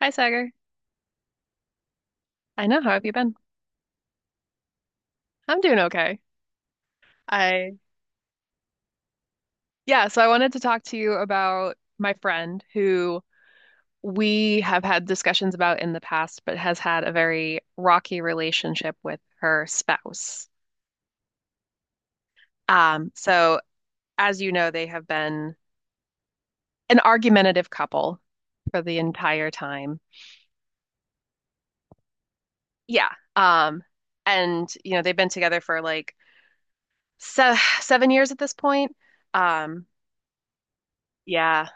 Hi, Sagar. I know. How have you been? I'm doing okay. I, yeah, so I wanted to talk to you about my friend who we have had discussions about in the past, but has had a very rocky relationship with her spouse. So as you know, they have been an argumentative couple for the entire time. Yeah. Um, and you know, they've been together for like se 7 years at this point. Um, yeah.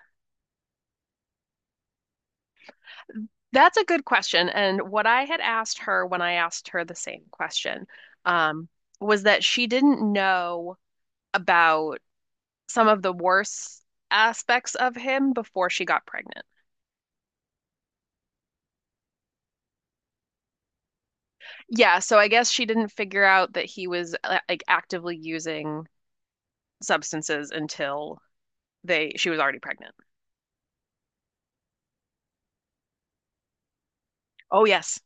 That's a good question. And what I had asked her when I asked her the same question, um, was that she didn't know about some of the worst aspects of him before she got pregnant. Yeah, so I guess she didn't figure out that he was like actively using substances until they she was already pregnant. Oh yes.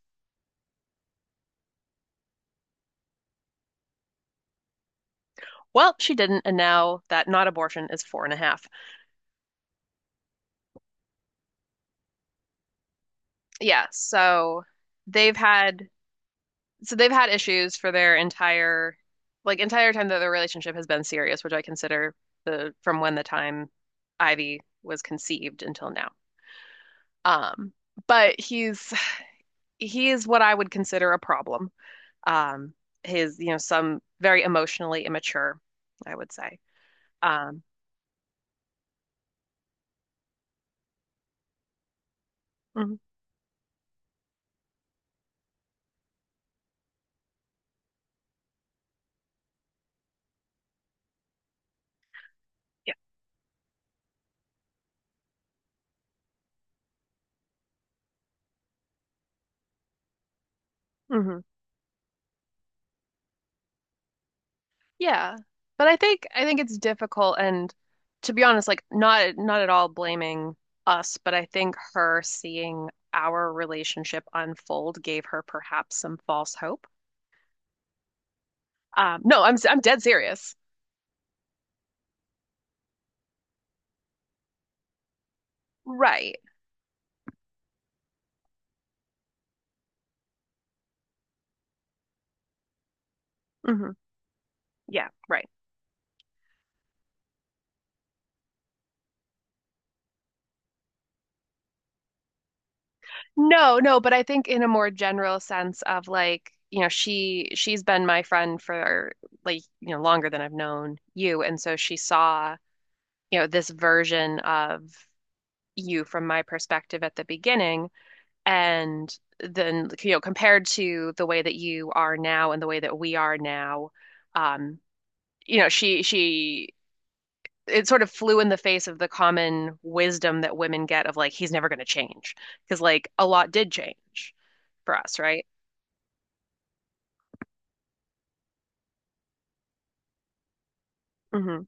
Well, she didn't, and now that not abortion is four and a half. Yeah, they've had so they've had issues for their entire entire time that their relationship has been serious, which I consider the from when the time Ivy was conceived until now. Um, but he is what I would consider a problem. Um, his, you know, some very emotionally immature, I would say. Um, mhm, yeah. Mhm. Yeah. But I think it's difficult and to be honest, like not at all blaming us, but I think her seeing our relationship unfold gave her perhaps some false hope. No, I'm dead serious. Right. Hmm. Yeah, right. No, no, but I think in a more general sense of like, you know, she's been my friend for like, you know, longer than I've known you, and so she saw, you know, this version of you from my perspective at the beginning. And then, you know, compared to the way that you are now and the way that we are now, um, you know, she, it sort of flew in the face of the common wisdom that women get of like he's never going to change, because like a lot did change for us, right? Hmm.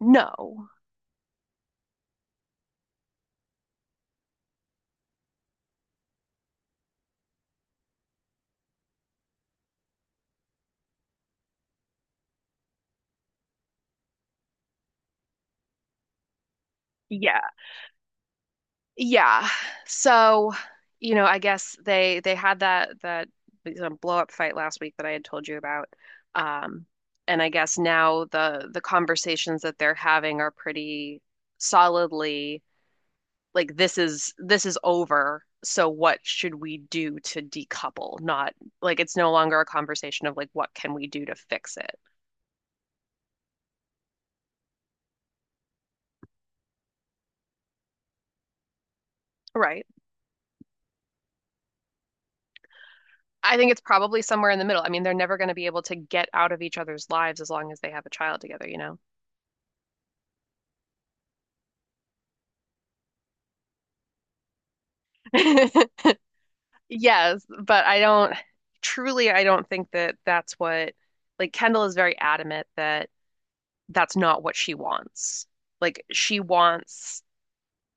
No. Yeah, yeah. So, you know, I guess they had that blow up fight last week that I had told you about. Um, and I guess now the conversations that they're having are pretty solidly like this is over. So what should we do to decouple? Not like it's no longer a conversation of like what can we do to fix it. Right. I think it's probably somewhere in the middle. I mean, they're never going to be able to get out of each other's lives as long as they have a child together, you know? Yes, but I don't truly, I don't think that that's what, like Kendall is very adamant that that's not what she wants. Like she wants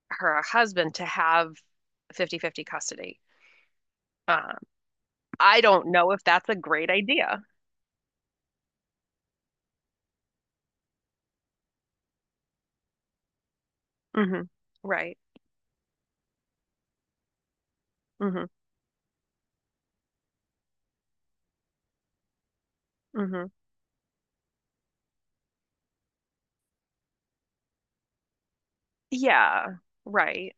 her husband to have 50-50 custody. Um, I don't know if that's a great idea. Hmm. Right. Hmm. Hmm. Yeah. Right.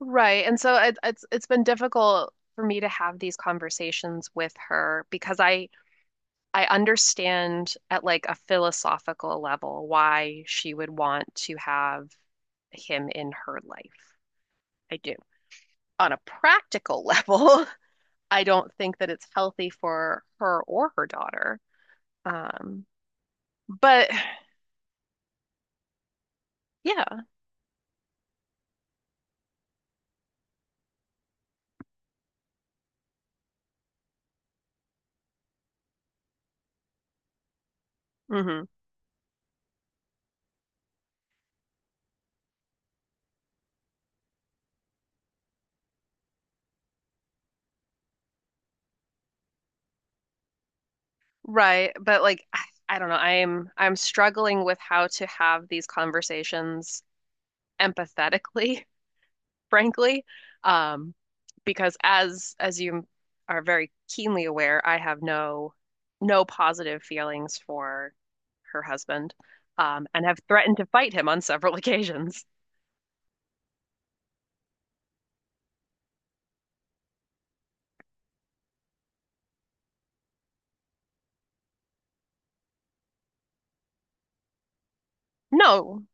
Right. And so it's been difficult for me to have these conversations with her because I understand at like a philosophical level why she would want to have him in her life. I do. On a practical level, I don't think that it's healthy for her or her daughter. Um, but yeah, hmm, right. But like, I don't know. I'm struggling with how to have these conversations empathetically, frankly. Um, because as you are very keenly aware, I have no positive feelings for her husband, and have threatened to fight him on several occasions. No.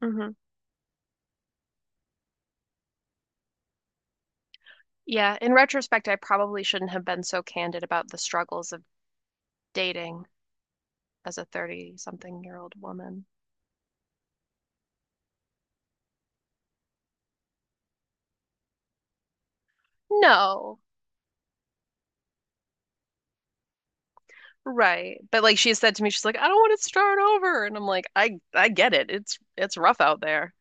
Hmm. Yeah, in retrospect, I probably shouldn't have been so candid about the struggles of dating as a 30-something-year-old woman. No. Right. But like she said to me, she's like, I don't want to start over. And I'm like, I get it. It's rough out there.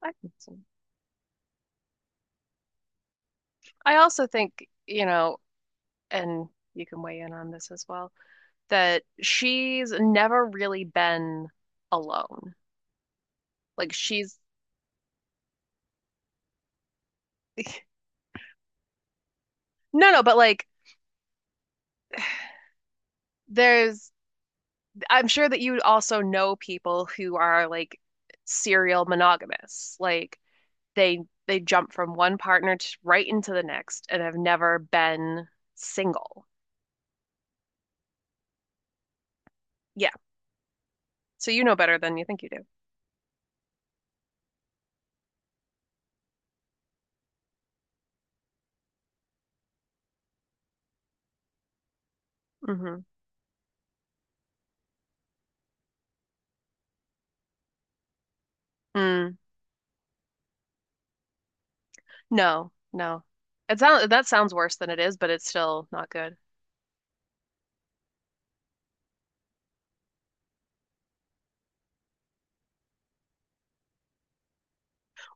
I think so. I also think, you know, and you can weigh in on this as well, that she's never really been alone. Like she's no, no, but like there's I'm sure that you also know people who are like serial monogamous. Like they they jump from one partner to right into the next and have never been single. Yeah. So you know better than you think you do. Mm-hmm. Mm. No, no. It sounds, that sounds worse than it is, but it's still not good.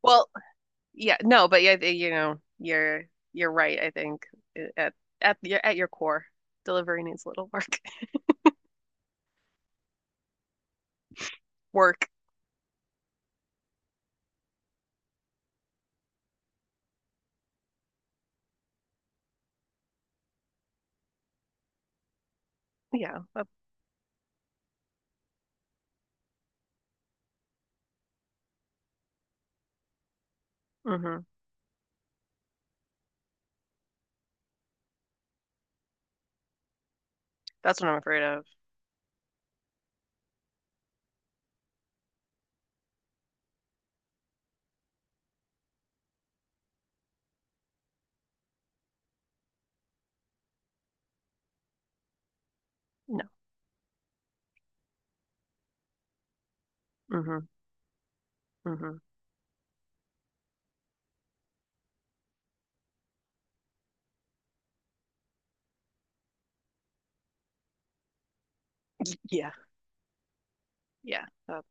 Well, yeah, no, but yeah, you know, you're right, I think at at your core, delivery needs a little work. Work. Yeah. That, hmm, that's what I'm afraid of. No. Hmm. Hmm. Yeah. Yeah.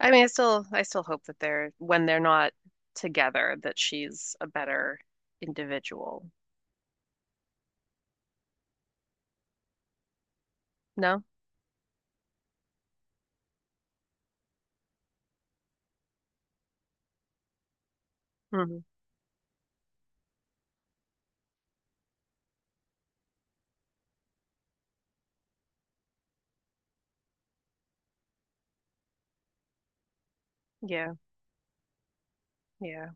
I mean, I still hope that they're when they're not together that she's a better individual. No? Hmm. Yeah. Yeah.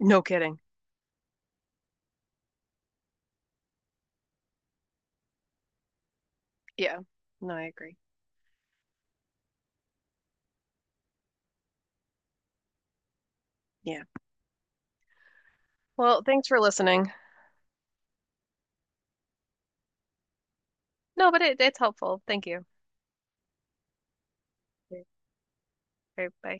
No kidding. Yeah. No, I agree. Yeah. Well, thanks for listening. No, but it's helpful. Thank you. Okay, bye.